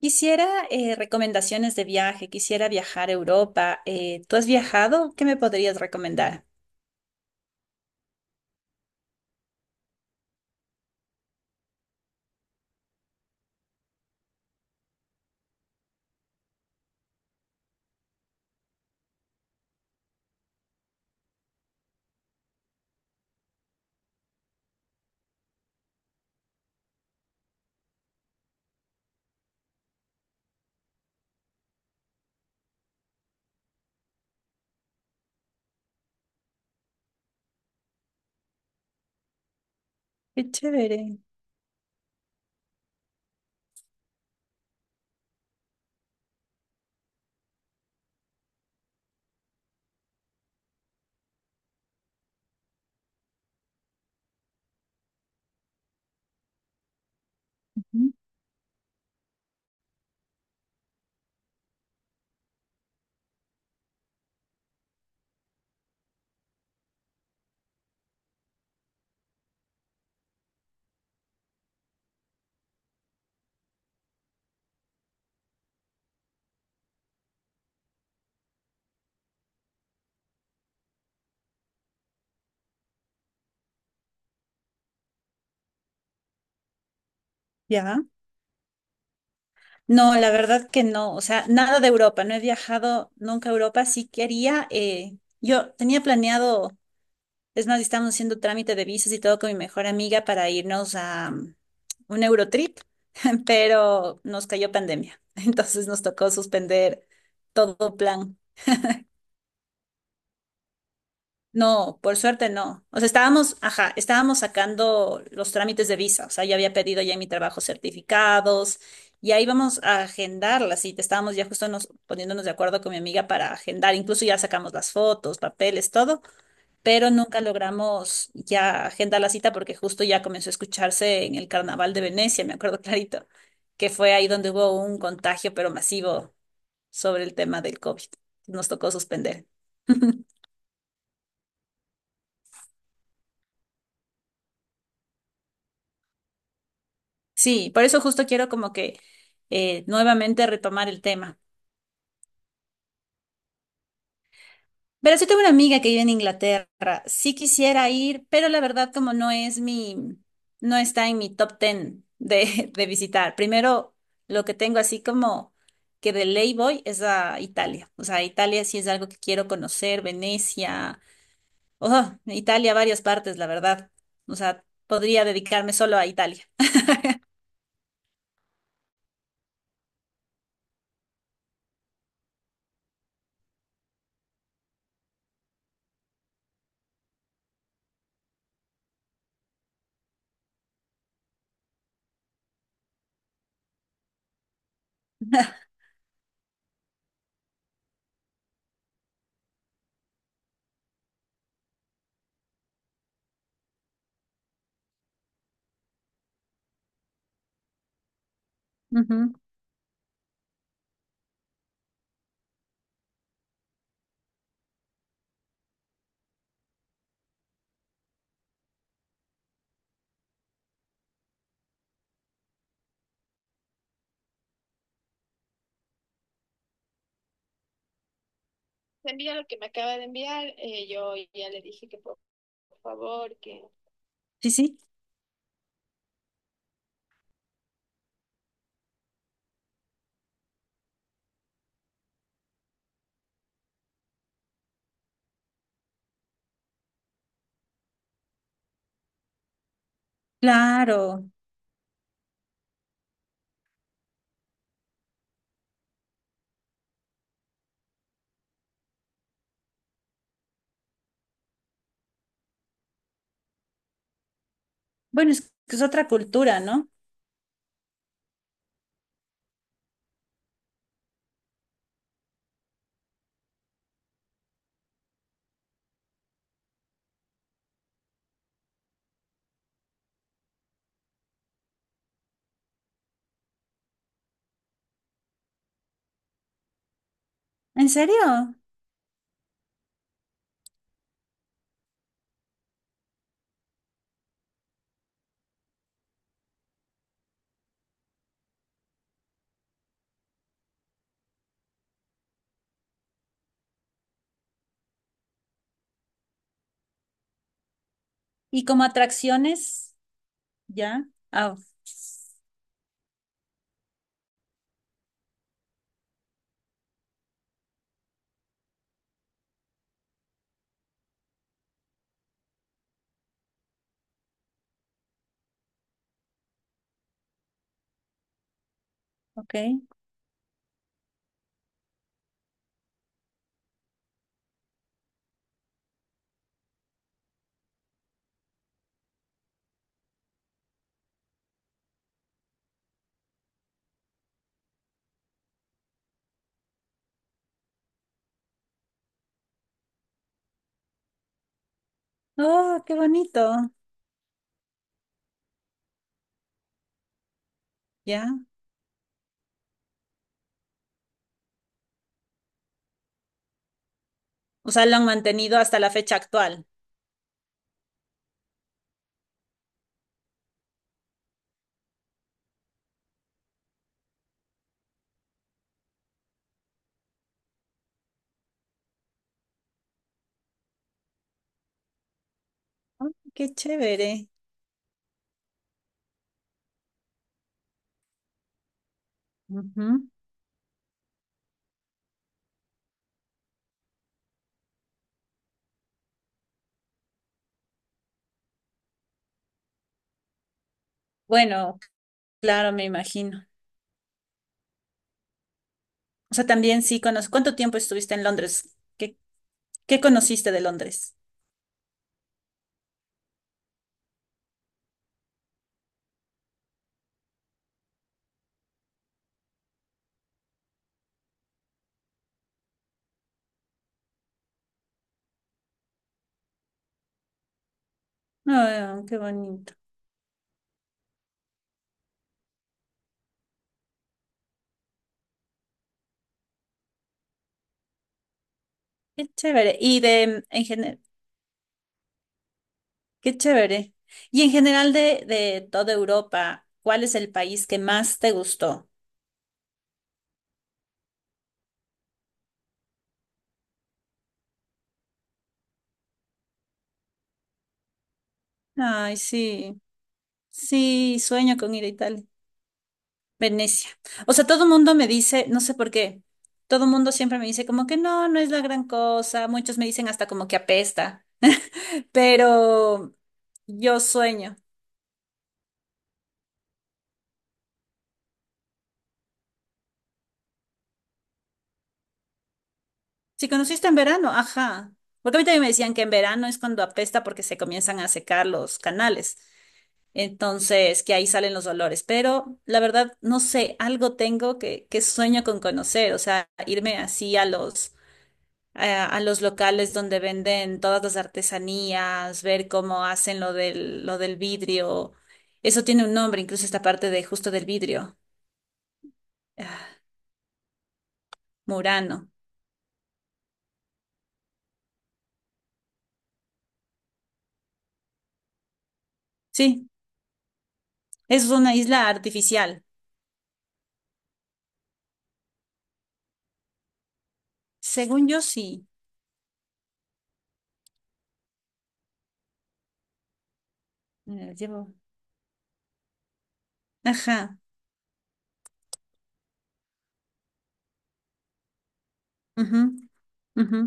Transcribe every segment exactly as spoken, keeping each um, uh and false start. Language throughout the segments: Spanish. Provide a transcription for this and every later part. Quisiera eh, recomendaciones de viaje, quisiera viajar a Europa. Eh, ¿tú has viajado? ¿Qué me podrías recomendar? Qué chévere. Ujú. ¿Ya? No, la verdad que no. O sea, nada de Europa. No he viajado nunca a Europa. Sí quería. eh, yo tenía planeado, es más, estamos haciendo trámite de visas y todo con mi mejor amiga para irnos a mm, un Eurotrip, pero nos cayó pandemia. Entonces nos tocó suspender todo plan. No, por suerte no. O sea, estábamos, ajá, estábamos sacando los trámites de visa. O sea, ya había pedido ya en mi trabajo certificados y ahí vamos a agendar la cita. Estábamos ya justo nos, poniéndonos de acuerdo con mi amiga para agendar. Incluso ya sacamos las fotos, papeles, todo, pero nunca logramos ya agendar la cita porque justo ya comenzó a escucharse en el Carnaval de Venecia, me acuerdo clarito, que fue ahí donde hubo un contagio, pero masivo sobre el tema del COVID. Nos tocó suspender. Sí, por eso justo quiero como que eh, nuevamente retomar el tema. Pero sí tengo una amiga que vive en Inglaterra. Sí quisiera ir, pero la verdad como no es mi, no está en mi top ten de, de visitar. Primero, lo que tengo así como que de ley voy es a Italia. O sea, Italia sí es algo que quiero conocer, Venecia, oh, Italia, varias partes, la verdad. O sea, podría dedicarme solo a Italia. Ujú. Envía lo que me acaba de enviar. eh, yo ya le dije que por favor, que... Sí, sí, claro. Bueno, es que es otra cultura, ¿no? ¿En serio? ¿Y como atracciones? Ya. Ah, ok. Oh, qué bonito. Ya. O sea, lo han mantenido hasta la fecha actual. Ah, qué chévere. Ujú. Bueno, claro, me imagino. O sea, también sí conozco. ¿Cuánto tiempo estuviste en Londres? ¿Qué, qué conociste de Londres? Ah, qué bonito. Qué chévere. ¿Y de, en general? Qué chévere. Y en general de, de toda Europa, ¿cuál es el país que más te gustó? Ay, sí, sí, sueño con ir a Italia. Venecia. O sea, todo el mundo me dice, no sé por qué, todo el mundo siempre me dice como que no, no es la gran cosa. Muchos me dicen hasta como que apesta. Pero yo sueño. Si conociste en verano, ajá. Porque a mí también me decían que en verano es cuando apesta porque se comienzan a secar los canales. Entonces, que ahí salen los olores. Pero la verdad, no sé, algo tengo que, que sueño con conocer, o sea, irme así a los, a, a los locales donde venden todas las artesanías, ver cómo hacen lo del, lo del vidrio. Eso tiene un nombre, incluso esta parte de justo del vidrio. Ah, Murano. Sí, es una isla artificial. Según yo, sí. Eh, llevo. Ajá. Ujú, ujú,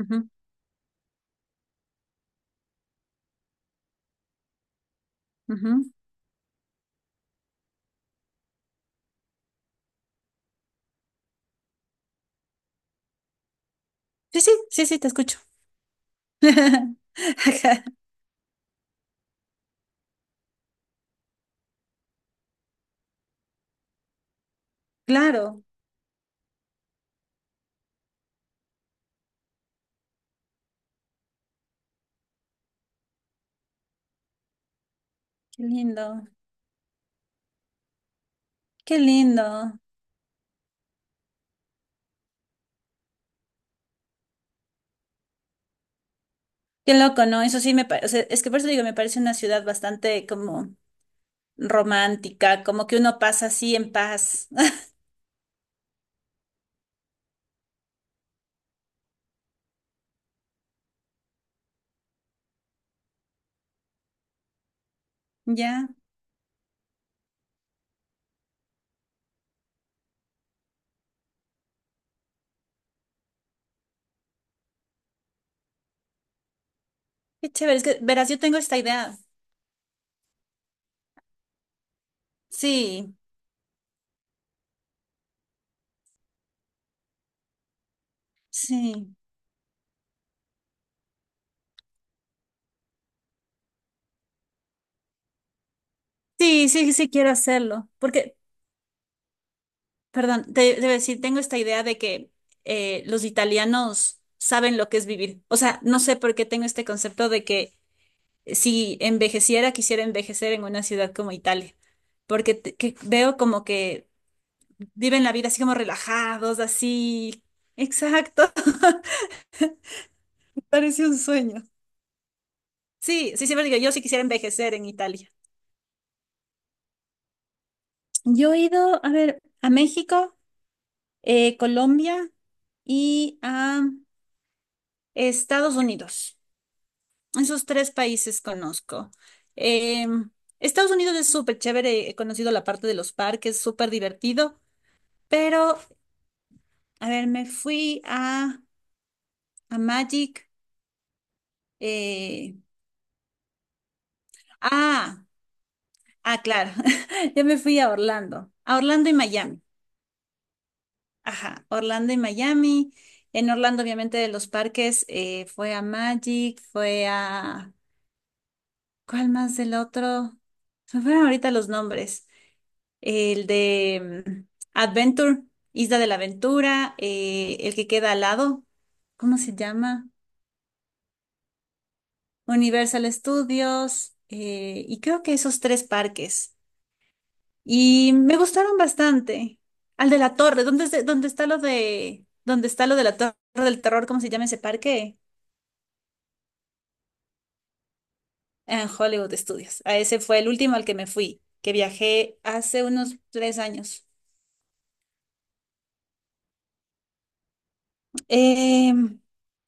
ujú, ujú. Sí, sí, sí, sí, te escucho. Ajá. Claro, qué lindo, qué lindo, qué loco, ¿no? Eso sí me parece, es que por eso digo, me parece una ciudad bastante como romántica, como que uno pasa así en paz. Ya, qué chévere, es que verás, yo tengo esta idea. Sí, sí, sí, sí, sí quiero hacerlo, porque, perdón, te debo decir, tengo esta idea de que eh, los italianos saben lo que es vivir. O sea, no sé por qué tengo este concepto de que si envejeciera, quisiera envejecer en una ciudad como Italia, porque te- que veo como que viven la vida así como relajados, así. Exacto. Parece un sueño. Sí, sí, siempre digo, yo sí quisiera envejecer en Italia. Yo he ido, a ver, a México, eh, Colombia y a Estados Unidos. Esos tres países conozco. Eh, Estados Unidos es súper chévere, he conocido la parte de los parques, súper divertido, pero a ver, me fui a, a Magic. eh, ah, ah, claro. Yo me fui a Orlando. A Orlando y Miami. Ajá, Orlando y Miami. En Orlando, obviamente, de los parques, eh, fue a Magic, fue a... ¿Cuál más del otro? Se me fueron ahorita los nombres. El de mm, Adventure, Isla de la Aventura, eh, el que queda al lado. ¿Cómo se llama? Universal Studios eh, y creo que esos tres parques. Y me gustaron bastante. Al de la Torre, ¿dónde, es de- dónde está lo de, dónde está lo de la Torre del Terror? ¿Cómo se llama ese parque? En Hollywood Studios. A ese fue el último al que me fui, que viajé hace unos tres años. Eh,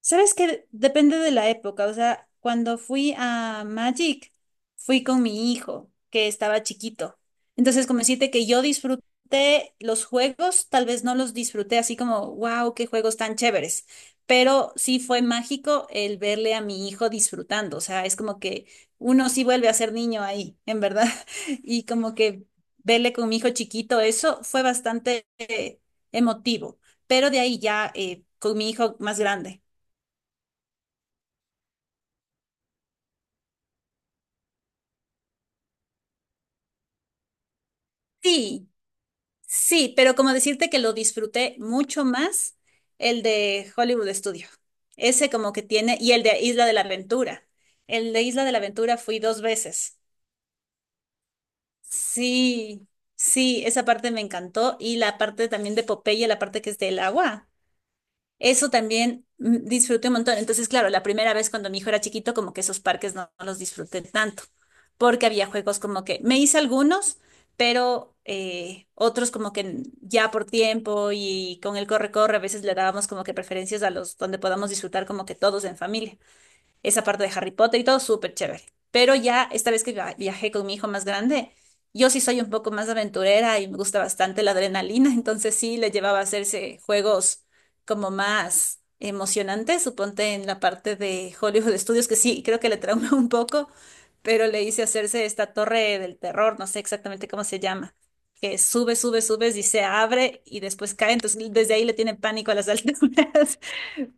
¿sabes qué? Depende de la época. O sea, cuando fui a Magic, fui con mi hijo, que estaba chiquito. Entonces, como decirte que yo disfruté los juegos, tal vez no los disfruté así como, wow, qué juegos tan chéveres. Pero sí fue mágico el verle a mi hijo disfrutando. O sea, es como que uno sí vuelve a ser niño ahí, en verdad. Y como que verle con mi hijo chiquito, eso fue bastante eh, emotivo, pero de ahí ya eh, con mi hijo más grande. Sí, sí, pero como decirte que lo disfruté mucho más el de Hollywood Studio. Ese como que tiene, y el de Isla de la Aventura. El de Isla de la Aventura fui dos veces. Sí, sí, esa parte me encantó. Y la parte también de Popeye, la parte que es del agua. Eso también mm, disfruté un montón. Entonces, claro, la primera vez cuando mi hijo era chiquito, como que esos parques no, no los disfruté tanto, porque había juegos como que me hice algunos, pero eh, otros como que ya por tiempo y con el corre-corre, a veces le dábamos como que preferencias a los donde podamos disfrutar como que todos en familia, esa parte de Harry Potter y todo súper chévere. Pero ya esta vez que via- viajé con mi hijo más grande, yo sí soy un poco más aventurera y me gusta bastante la adrenalina, entonces sí le llevaba a hacerse juegos como más emocionantes, suponte en la parte de Hollywood Studios, que sí, creo que le trauma un poco, pero le hice hacerse esta torre del terror, no sé exactamente cómo se llama, que sube, sube, subes y se abre y después cae. Entonces, desde ahí le tiene pánico a las alturas.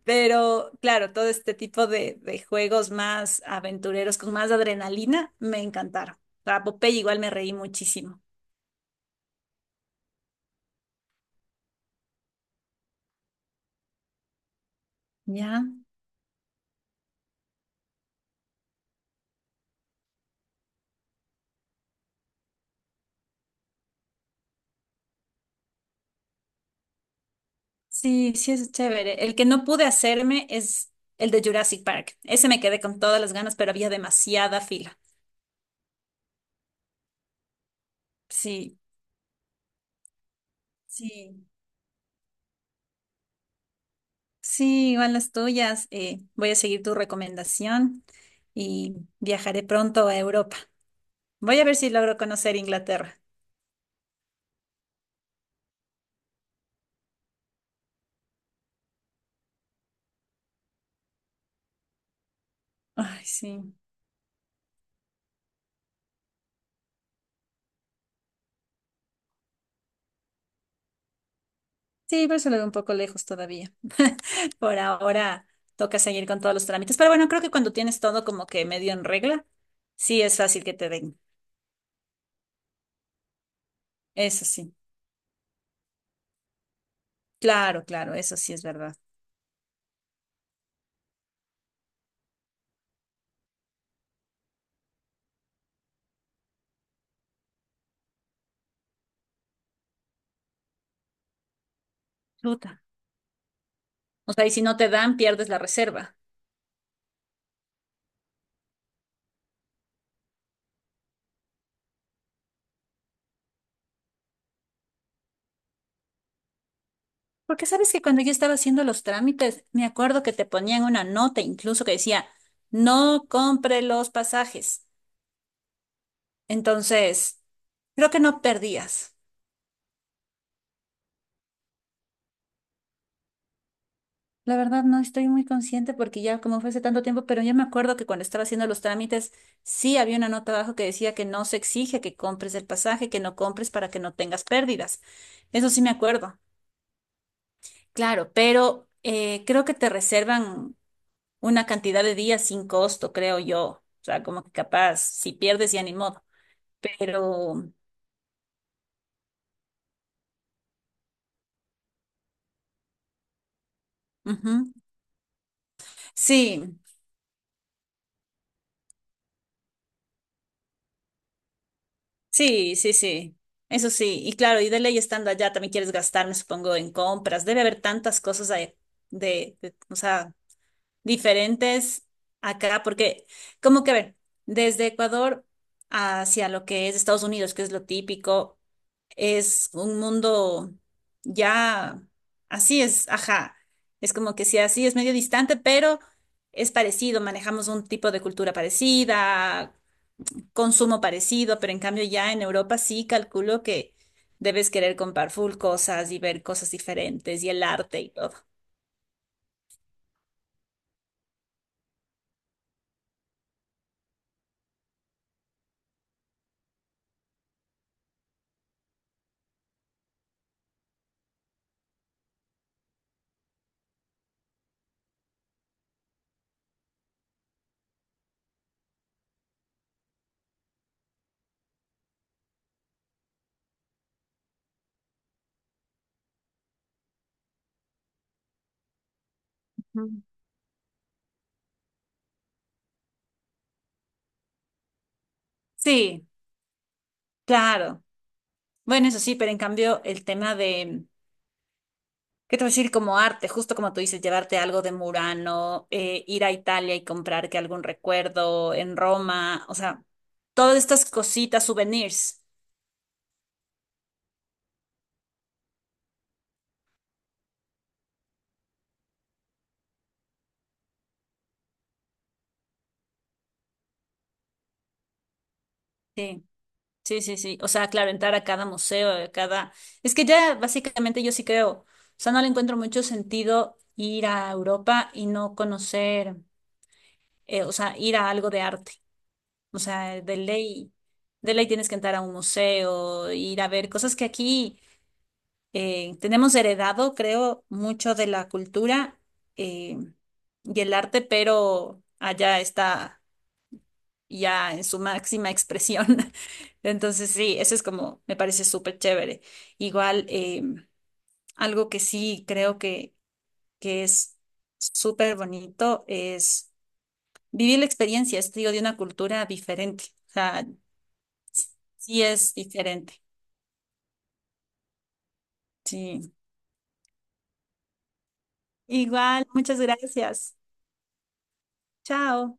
Pero claro, todo este tipo de, de juegos más aventureros, con más adrenalina, me encantaron. Para Popeye igual me reí muchísimo. ¿Ya? Sí, sí es chévere. El que no pude hacerme es el de Jurassic Park. Ese me quedé con todas las ganas, pero había demasiada fila. Sí, sí. Sí, igual las tuyas. Eh, voy a seguir tu recomendación y viajaré pronto a Europa. Voy a ver si logro conocer Inglaterra. Ay, sí. Sí, pero se lo veo un poco lejos todavía. Por ahora toca seguir con todos los trámites. Pero bueno, creo que cuando tienes todo como que medio en regla, sí es fácil que te den. Eso sí. Claro, claro, eso sí es verdad. Chuta. O sea, y si no te dan, pierdes la reserva. Porque sabes que cuando yo estaba haciendo los trámites, me acuerdo que te ponían una nota incluso que decía, no compre los pasajes. Entonces, creo que no perdías. La verdad no estoy muy consciente porque ya como fue hace tanto tiempo, pero yo me acuerdo que cuando estaba haciendo los trámites sí había una nota abajo que decía que no se exige que compres el pasaje, que no compres para que no tengas pérdidas. Eso sí me acuerdo. Claro, pero eh, creo que te reservan una cantidad de días sin costo, creo yo. O sea, como que capaz, si pierdes ya ni modo. Pero, ujú. Sí, sí, sí, sí. Eso sí. Y claro, y de ley estando allá también quieres gastar, me supongo, en compras. Debe haber tantas cosas ahí de, de- o sea, diferentes acá, porque, como que, a ver, desde Ecuador hacia lo que es Estados Unidos, que es lo típico, es un mundo ya, así es, ajá. Es como que sí, así es medio distante, pero es parecido, manejamos un tipo de cultura parecida, consumo parecido, pero en cambio ya en Europa sí calculo que debes querer comprar full cosas y ver cosas diferentes y el arte y todo. Ujú. Sí, claro. Bueno, eso sí, pero en cambio el tema de, ¿qué te voy a decir? Como arte, justo como tú dices, llevarte algo de Murano, eh, ir a Italia y comprar que algún recuerdo en Roma, o sea, todas estas cositas, souvenirs. Sí. Sí, sí, sí. O sea, claro, entrar a cada museo, a cada... Es que ya básicamente yo sí creo, o sea, no le encuentro mucho sentido ir a Europa y no conocer, eh, o sea, ir a algo de arte. O sea, de ley, de ley tienes que entrar a un museo, ir a ver cosas que aquí eh, tenemos heredado, creo, mucho de la cultura eh, y el arte, pero allá está ya en su máxima expresión. Entonces, sí, eso es como, me parece súper chévere. Igual, eh, algo que sí creo que, que es súper bonito es vivir la experiencia, es, digo, de una cultura diferente. O sea, sí es diferente. Sí. Igual, muchas gracias. Chao.